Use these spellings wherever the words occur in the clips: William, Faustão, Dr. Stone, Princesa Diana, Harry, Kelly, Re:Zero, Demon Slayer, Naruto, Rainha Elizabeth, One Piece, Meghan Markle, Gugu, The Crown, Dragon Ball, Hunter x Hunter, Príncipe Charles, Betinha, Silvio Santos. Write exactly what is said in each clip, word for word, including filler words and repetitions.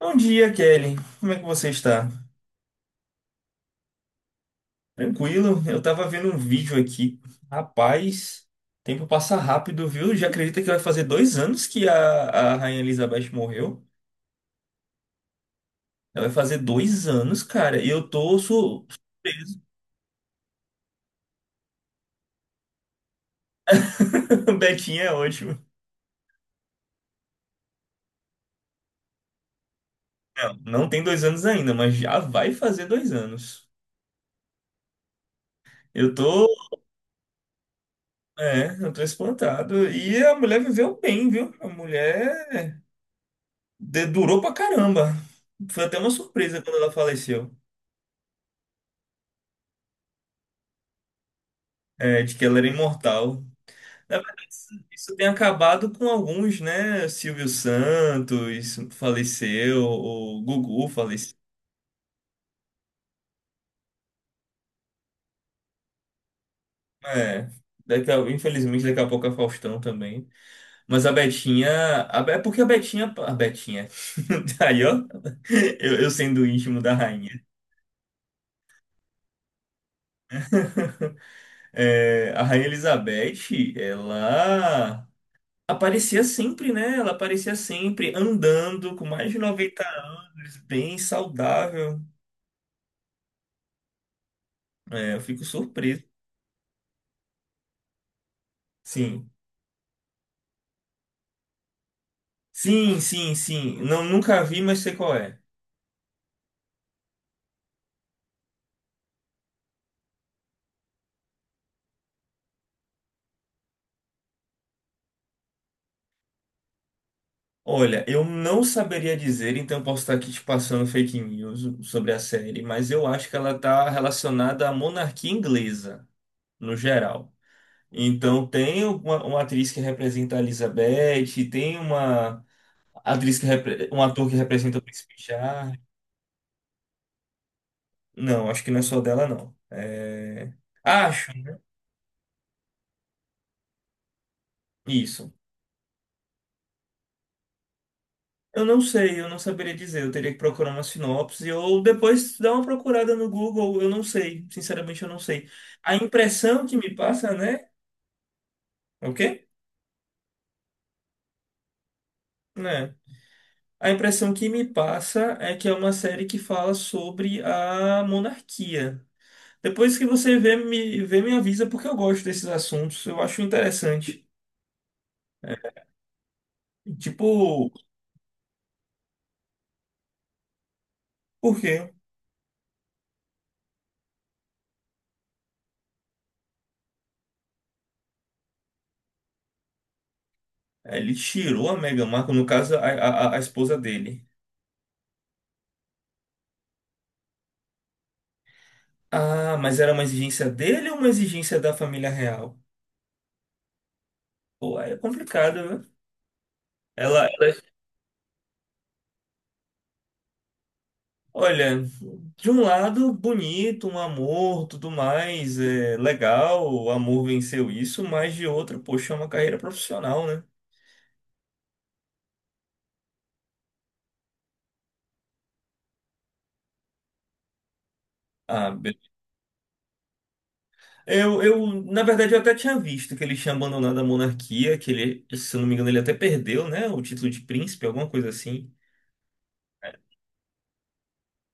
Bom dia, Kelly. Como é que você está? Tranquilo? Eu tava vendo um vídeo aqui. Rapaz, tempo passa rápido, viu? Já acredita que vai fazer dois anos que a, a Rainha Elizabeth morreu? Ela vai fazer dois anos, cara. E eu tô su- surpreso. Betinha é ótimo. Não, não tem dois anos ainda, mas já vai fazer dois anos. Eu tô, é, eu tô espantado. E a mulher viveu bem, viu? A mulher de- durou pra caramba. Foi até uma surpresa quando ela faleceu. É, de que ela era imortal. Na verdade, isso isso tem acabado com alguns, né? Silvio Santos faleceu, o Gugu faleceu. É, daqui a- infelizmente, daqui a pouco a Faustão também. Mas a Betinha. a Be- É porque a Betinha. A Betinha. Aí, ó. Eu, eu sendo íntimo da rainha. É, a Rainha Elizabeth, ela aparecia sempre, né? Ela aparecia sempre andando com mais de noventa anos, bem saudável. É, eu fico surpreso. Sim. Sim, sim, sim. Não, nunca vi, mas sei qual é. Olha, eu não saberia dizer, então eu posso estar aqui te passando fake news sobre a série, mas eu acho que ela está relacionada à monarquia inglesa, no geral. Então tem uma, uma atriz que representa a Elizabeth, tem uma atriz que repre- um ator que representa o Príncipe Charles. Não, acho que não é só dela, não. É... Acho isso. Eu não sei, eu não saberia dizer. Eu teria que procurar uma sinopse ou depois dar uma procurada no Google. Eu não sei, sinceramente, eu não sei. A impressão que me passa, né? O quê? Né? A impressão que me passa é que é uma série que fala sobre a monarquia. Depois que você vê, me, vê, me avisa, porque eu gosto desses assuntos. Eu acho interessante. Tipo, por quê? Ele tirou a Meghan Markle, no caso, a, a a- a esposa dele. Ah, mas era uma exigência dele ou uma exigência da família real? Pô, aí é complicado, viu? Ela, ela- olha, de um lado, bonito, um amor, tudo mais, é legal, o amor venceu isso, mas de outro, poxa, é uma carreira profissional, né? Ah, be- eu, eu, na verdade, eu até tinha visto que ele tinha abandonado a monarquia, que ele, se eu não me engano, ele até perdeu, né? O título de príncipe, alguma coisa assim.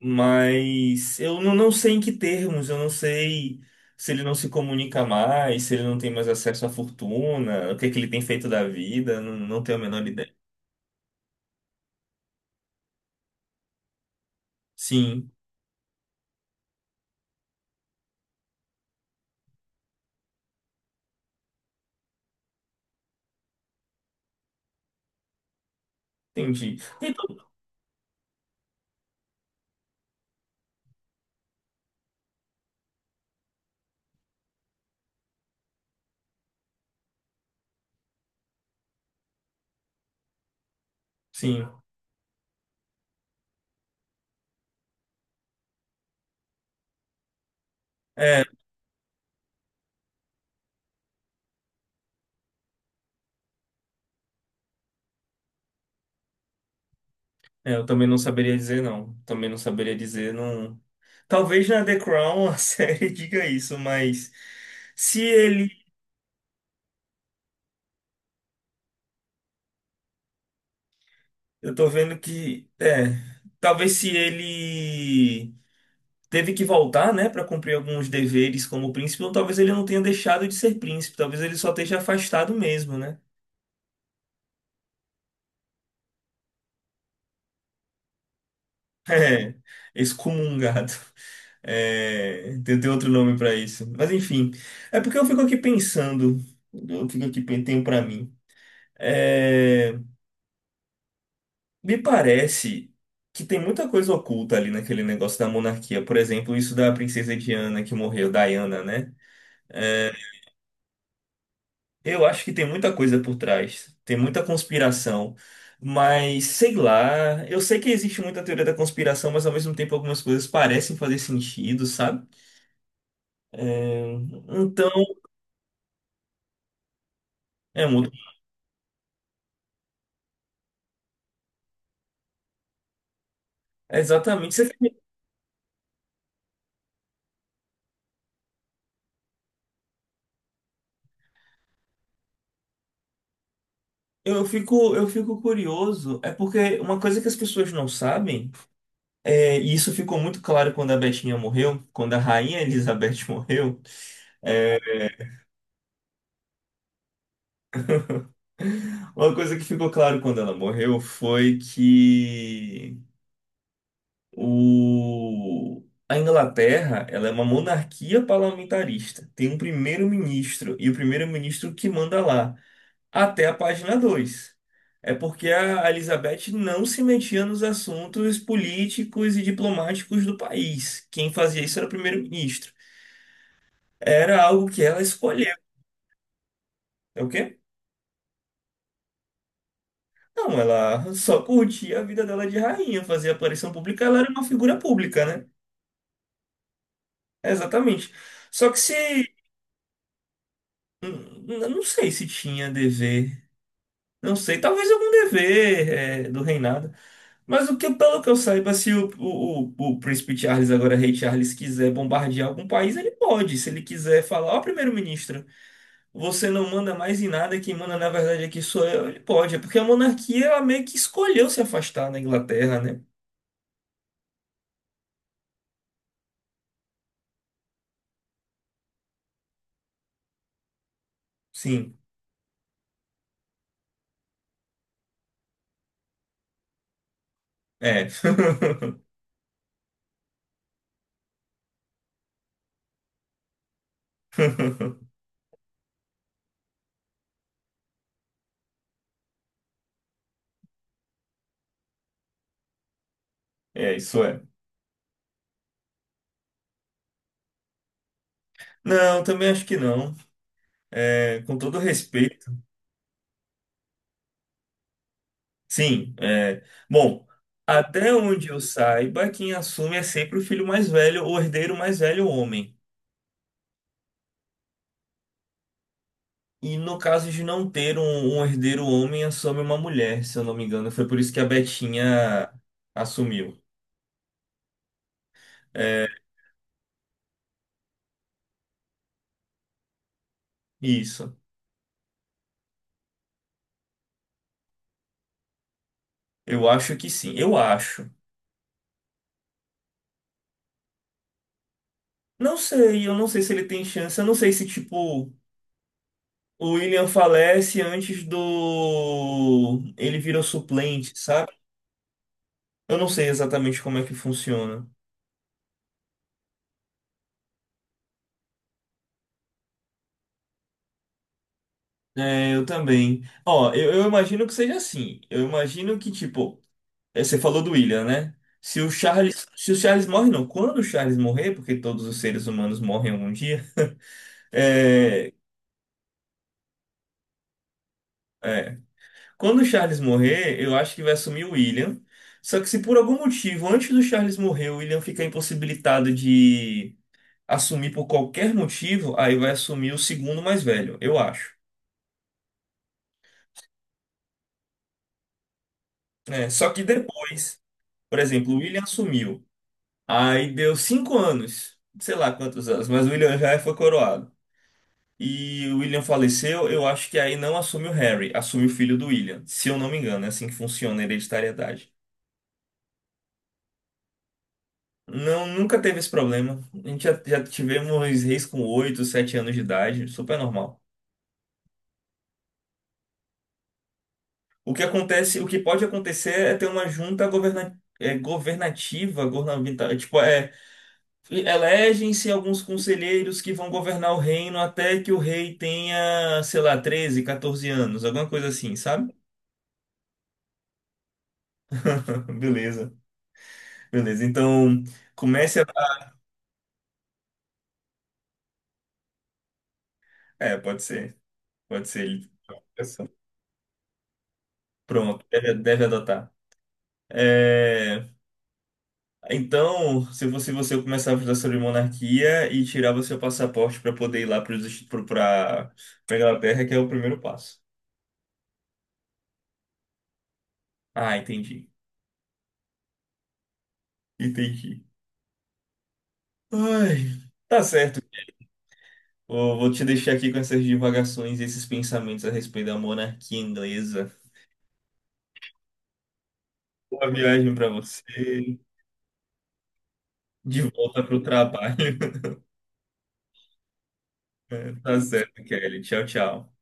Mas eu não, não sei em que termos, eu não sei se ele não se comunica mais, se ele não tem mais acesso à fortuna, o que é que ele tem feito da vida, não, não tenho a menor ideia. Sim, entendi. Então, sim. É, é, eu também não saberia dizer não. Também não saberia dizer não. Talvez na The Crown a série diga isso, mas se ele, eu tô vendo que, é, talvez se ele teve que voltar, né, para cumprir alguns deveres como príncipe, ou talvez ele não tenha deixado de ser príncipe, talvez ele só esteja afastado mesmo, né? É, excomungado. É, tem, tem outro nome para isso. Mas enfim, é porque eu fico aqui pensando, eu fico aqui pen- tenho para mim. É, me parece que tem muita coisa oculta ali naquele negócio da monarquia. Por exemplo, isso da princesa Diana que morreu, Diana, né? Eu acho que tem muita coisa por trás, tem muita conspiração, mas sei lá, eu sei que existe muita teoria da conspiração, mas ao mesmo tempo algumas coisas parecem fazer sentido, sabe? É, então, é muito. Exatamente. Você- Eu fico, eu fico curioso, é porque uma coisa que as pessoas não sabem, é, e isso ficou muito claro quando a Betinha morreu, quando a Rainha Elizabeth morreu, é, uma coisa que ficou claro quando ela morreu foi que. O... A Inglaterra, ela é uma monarquia parlamentarista. Tem um primeiro-ministro e o primeiro-ministro que manda lá, até a página dois. É porque a Elizabeth não se metia nos assuntos políticos e diplomáticos do país. Quem fazia isso era o primeiro-ministro. Era algo que ela escolheu. É o quê? Não, ela só curtia a vida dela de rainha, fazia aparição pública, ela era uma figura pública, né? Exatamente. Só que se. Hum, Eu não sei se tinha dever. Não sei, talvez algum dever é, do reinado. Mas o que, pelo que eu saiba, se o, o, o, o príncipe Charles, agora rei Charles, quiser bombardear algum país, ele pode. Se ele quiser falar, ó, primeiro-ministro, você não manda mais em nada, quem manda na verdade aqui sou eu, ele pode. É porque a monarquia, ela meio que escolheu se afastar da Inglaterra, né? Sim, é. É, isso é. Não, também acho que não. É, com todo respeito. Sim, é. Bom, até onde eu saiba, quem assume é sempre o filho mais velho, o herdeiro mais velho, o homem. E no caso de não ter um, um herdeiro homem, assume uma mulher, se eu não me engano. Foi por isso que a Betinha assumiu. Isso. Eu acho que sim. Eu acho. Não sei, eu não sei se ele tem chance. Eu não sei se, tipo, o William falece antes do. Ele vira o suplente, sabe? Eu não sei exatamente como é que funciona. É, eu também. Ó, eu, eu imagino que seja assim. Eu imagino que, tipo, é, você falou do William, né? Se o Charles, se o Charles morre, não. Quando o Charles morrer, porque todos os seres humanos morrem algum dia. é, é. Quando o Charles morrer, eu acho que vai assumir o William. Só que se por algum motivo, antes do Charles morrer, o William ficar impossibilitado de assumir por qualquer motivo, aí vai assumir o segundo mais velho, eu acho. É, só que depois, por exemplo, o William assumiu. Aí deu cinco anos, sei lá quantos anos, mas o William já foi coroado. E o William faleceu, eu acho que aí não assume o Harry, assume o filho do William, se eu não me engano, é assim que funciona a hereditariedade. Não, nunca teve esse problema. A gente já, já tivemos reis com oito, sete anos de idade, super normal. O que acontece, o que pode acontecer é ter uma junta governa, é, governativa, governamental, tipo, é E elegem-se alguns conselheiros que vão governar o reino até que o rei tenha, sei lá, treze, catorze anos, alguma coisa assim, sabe? Beleza, beleza. Então, comece a. É, pode ser, pode ser. ele- Pronto, deve, deve adotar. É, então, se você, você começava a estudar sobre monarquia e tirava seu passaporte para poder ir lá para para Inglaterra, que é o primeiro passo. Ah, entendi, entendi. Ai, tá certo. Vou vou te deixar aqui com essas divagações e esses pensamentos a respeito da monarquia inglesa. Boa viagem para você. De volta para o trabalho. Tá certo, Kelly. Tchau, tchau.